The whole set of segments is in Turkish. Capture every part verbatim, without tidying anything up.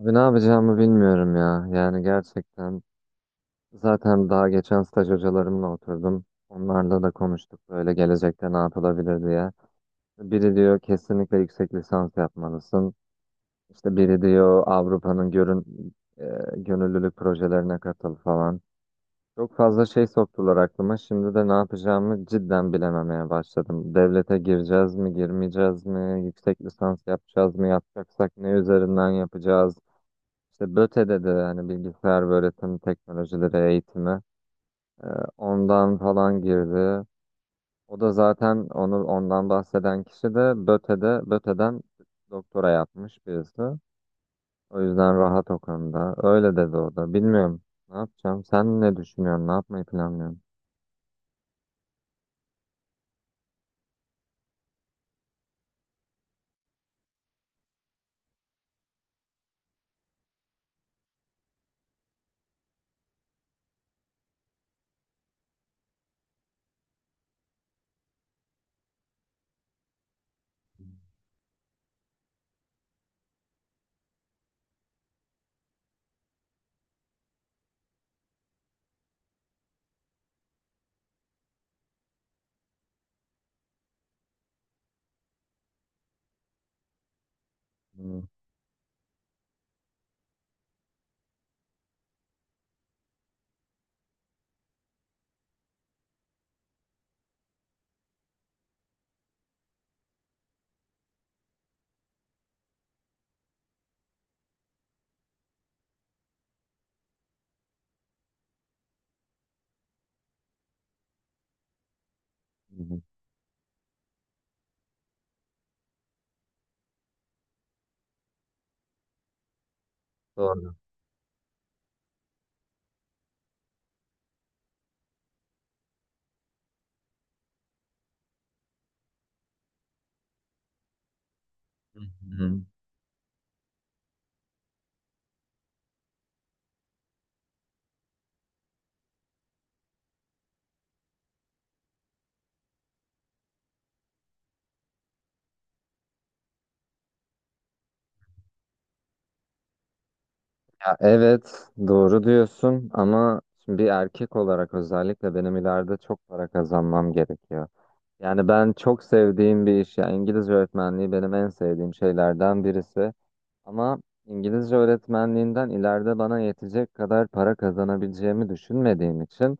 Abi ne yapacağımı bilmiyorum ya. Yani gerçekten zaten daha geçen staj hocalarımla oturdum. Onlarla da konuştuk böyle gelecekte ne yapılabilir diye. Biri diyor kesinlikle yüksek lisans yapmalısın. İşte biri diyor Avrupa'nın görün, e, gönüllülük projelerine katıl falan. Çok fazla şey soktular aklıma. Şimdi de ne yapacağımı cidden bilememeye başladım. Devlete gireceğiz mi, girmeyeceğiz mi? Yüksek lisans yapacağız mı? Yapacaksak ne üzerinden yapacağız? İşte BÖTE'de de hani bilgisayar ve öğretim teknolojileri eğitimi e, ondan falan girdi. O da zaten onu ondan bahseden kişi de BÖTE'de BÖTE'den doktora yapmış birisi. O yüzden rahat o konuda. Öyle dedi o da. Bilmiyorum. Ne yapacağım? Sen ne düşünüyorsun? Ne yapmayı planlıyorsun? Hı hı. Doğru. Hı hı. Ya evet, doğru diyorsun ama şimdi bir erkek olarak özellikle benim ileride çok para kazanmam gerekiyor. Yani ben çok sevdiğim bir iş. Yani İngilizce öğretmenliği benim en sevdiğim şeylerden birisi. Ama İngilizce öğretmenliğinden ileride bana yetecek kadar para kazanabileceğimi düşünmediğim için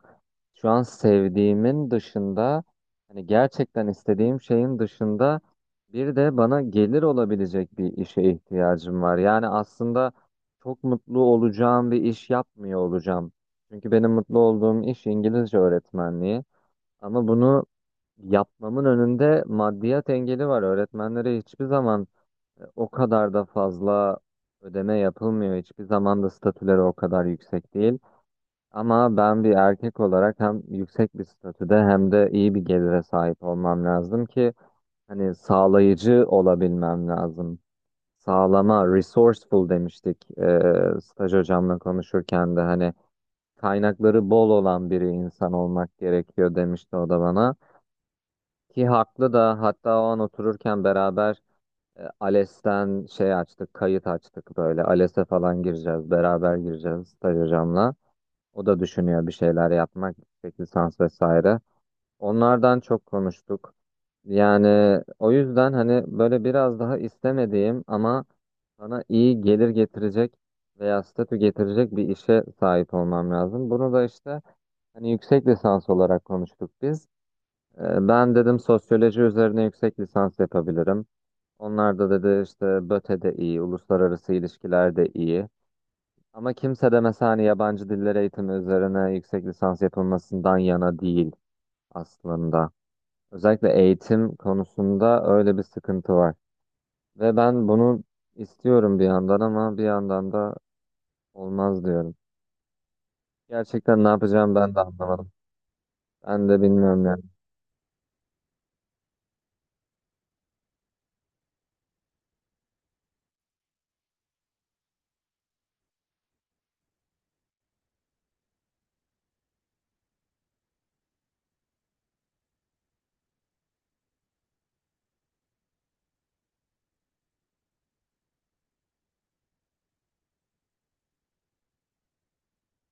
şu an sevdiğimin dışında hani gerçekten istediğim şeyin dışında bir de bana gelir olabilecek bir işe ihtiyacım var. Yani aslında çok mutlu olacağım bir iş yapmıyor olacağım. Çünkü benim mutlu olduğum iş İngilizce öğretmenliği. Ama bunu yapmamın önünde maddiyat engeli var. Öğretmenlere hiçbir zaman e, o kadar da fazla ödeme yapılmıyor. Hiçbir zaman da statüleri o kadar yüksek değil. Ama ben bir erkek olarak hem yüksek bir statüde hem de iyi bir gelire sahip olmam lazım ki hani sağlayıcı olabilmem lazım. Sağlama, resourceful demiştik, e, staj hocamla konuşurken de hani kaynakları bol olan biri insan olmak gerekiyor demişti o da bana. Ki haklı da hatta o an otururken beraber e, ALES'ten şey açtık, kayıt açtık böyle. ALES'e falan gireceğiz, beraber gireceğiz staj hocamla. O da düşünüyor bir şeyler yapmak, yüksek lisans vesaire. Onlardan çok konuştuk. Yani o yüzden hani böyle biraz daha istemediğim ama bana iyi gelir getirecek veya statü getirecek bir işe sahip olmam lazım. Bunu da işte hani yüksek lisans olarak konuştuk biz. Ee, Ben dedim sosyoloji üzerine yüksek lisans yapabilirim. Onlar da dedi işte BÖTE de iyi, uluslararası ilişkiler de iyi. Ama kimse de mesela hani yabancı diller eğitimi üzerine yüksek lisans yapılmasından yana değil aslında. Özellikle eğitim konusunda öyle bir sıkıntı var. Ve ben bunu istiyorum bir yandan ama bir yandan da olmaz diyorum. Gerçekten ne yapacağım ben de anlamadım. Ben de bilmiyorum yani.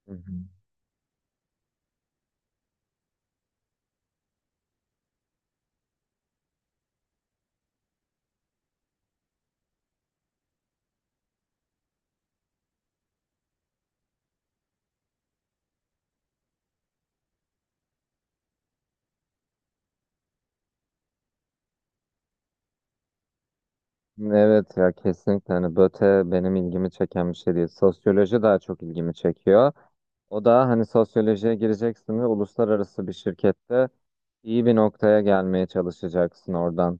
Hı hı. Evet ya, kesinlikle hani BÖTE benim ilgimi çeken bir şey değil. Sosyoloji daha çok ilgimi çekiyor. O da hani sosyolojiye gireceksin ve uluslararası bir şirkette iyi bir noktaya gelmeye çalışacaksın oradan.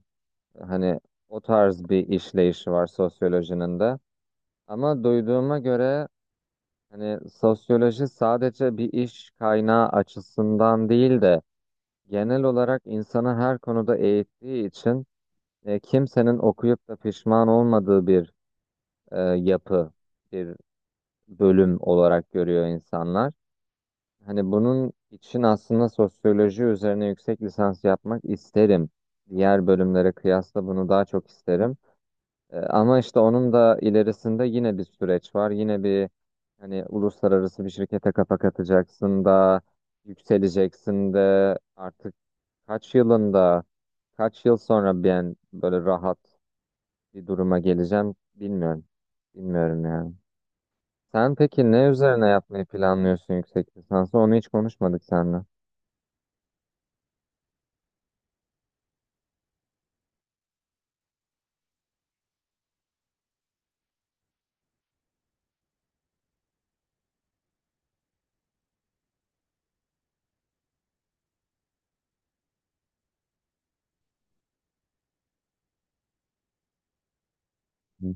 Hani o tarz bir işleyişi var sosyolojinin de. Ama duyduğuma göre hani sosyoloji sadece bir iş kaynağı açısından değil de genel olarak insanı her konuda eğittiği için e, kimsenin okuyup da pişman olmadığı bir e, yapı, bir bölüm olarak görüyor insanlar. Hani bunun için aslında sosyoloji üzerine yüksek lisans yapmak isterim. Diğer bölümlere kıyasla bunu daha çok isterim. E, ama işte onun da ilerisinde yine bir süreç var. Yine bir hani uluslararası bir şirkete kafa katacaksın da yükseleceksin de artık kaç yılında kaç yıl sonra ben böyle rahat bir duruma geleceğim bilmiyorum. Bilmiyorum yani. Sen peki ne üzerine yapmayı planlıyorsun yüksek lisansı? Onu hiç konuşmadık seninle. Hı.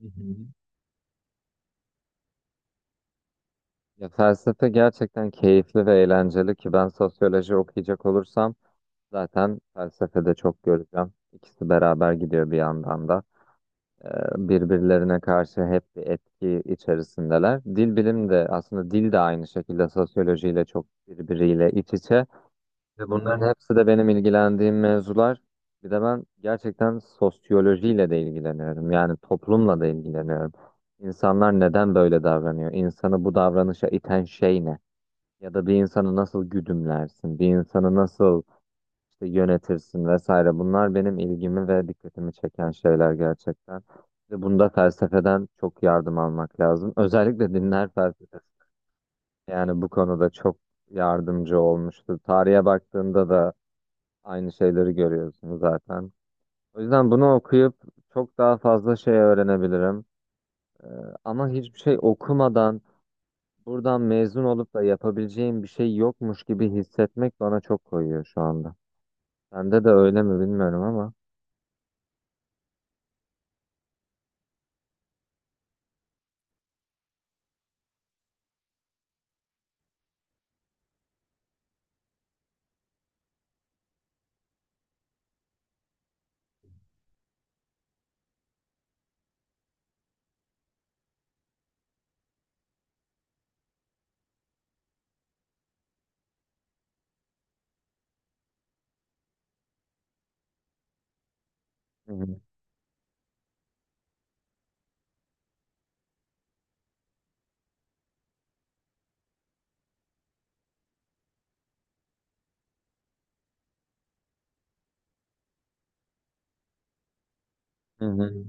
Hı hı. Ya felsefe gerçekten keyifli ve eğlenceli ki ben sosyoloji okuyacak olursam zaten felsefede çok göreceğim. İkisi beraber gidiyor bir yandan da. Ee, Birbirlerine karşı hep bir etki içerisindeler. Dil bilim de aslında dil de aynı şekilde sosyolojiyle çok birbiriyle iç içe. Ve bunların hepsi de benim ilgilendiğim mevzular. Bir de ben gerçekten sosyolojiyle de ilgileniyorum. Yani toplumla da ilgileniyorum. İnsanlar neden böyle davranıyor? İnsanı bu davranışa iten şey ne? Ya da bir insanı nasıl güdümlersin? Bir insanı nasıl işte yönetirsin vesaire. Bunlar benim ilgimi ve dikkatimi çeken şeyler gerçekten. Ve bunda felsefeden çok yardım almak lazım. Özellikle dinler felsefesi. Yani bu konuda çok yardımcı olmuştu. Tarihe baktığında da aynı şeyleri görüyorsunuz zaten. O yüzden bunu okuyup çok daha fazla şey öğrenebilirim. Ama hiçbir şey okumadan buradan mezun olup da yapabileceğim bir şey yokmuş gibi hissetmek bana çok koyuyor şu anda. Sende de öyle mi bilmiyorum ama. Hı hı. Hı hı.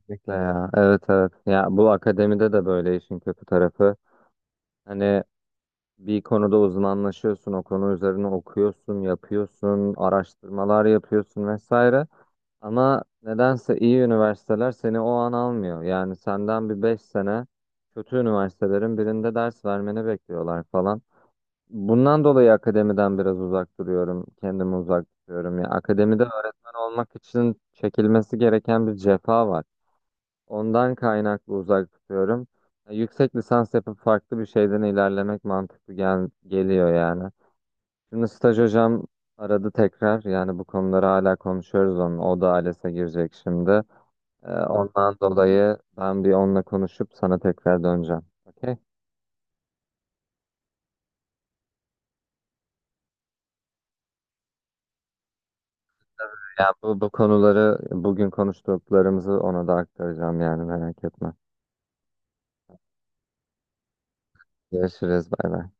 Kesinlikle ya. Evet, evet. Ya bu akademide de böyle işin kötü tarafı. Hani bir konuda uzmanlaşıyorsun, o konu üzerine okuyorsun, yapıyorsun, araştırmalar yapıyorsun vesaire. Ama nedense iyi üniversiteler seni o an almıyor. Yani senden bir beş sene kötü üniversitelerin birinde ders vermeni bekliyorlar falan. Bundan dolayı akademiden biraz uzak duruyorum. Kendimi uzak tutuyorum. Ya akademide öğretmen olmak için çekilmesi gereken bir cefa var. Ondan kaynaklı uzak tutuyorum. Ya yüksek lisans yapıp farklı bir şeyden ilerlemek mantıklı gel geliyor yani. Şimdi staj hocam aradı tekrar. Yani bu konuları hala konuşuyoruz onun. O da ALES'e girecek şimdi. Ee, ondan dolayı ben bir onunla konuşup sana tekrar döneceğim. Okey? Yani bu, bu konuları bugün konuştuklarımızı ona da aktaracağım yani merak etme. Görüşürüz. Bay bay.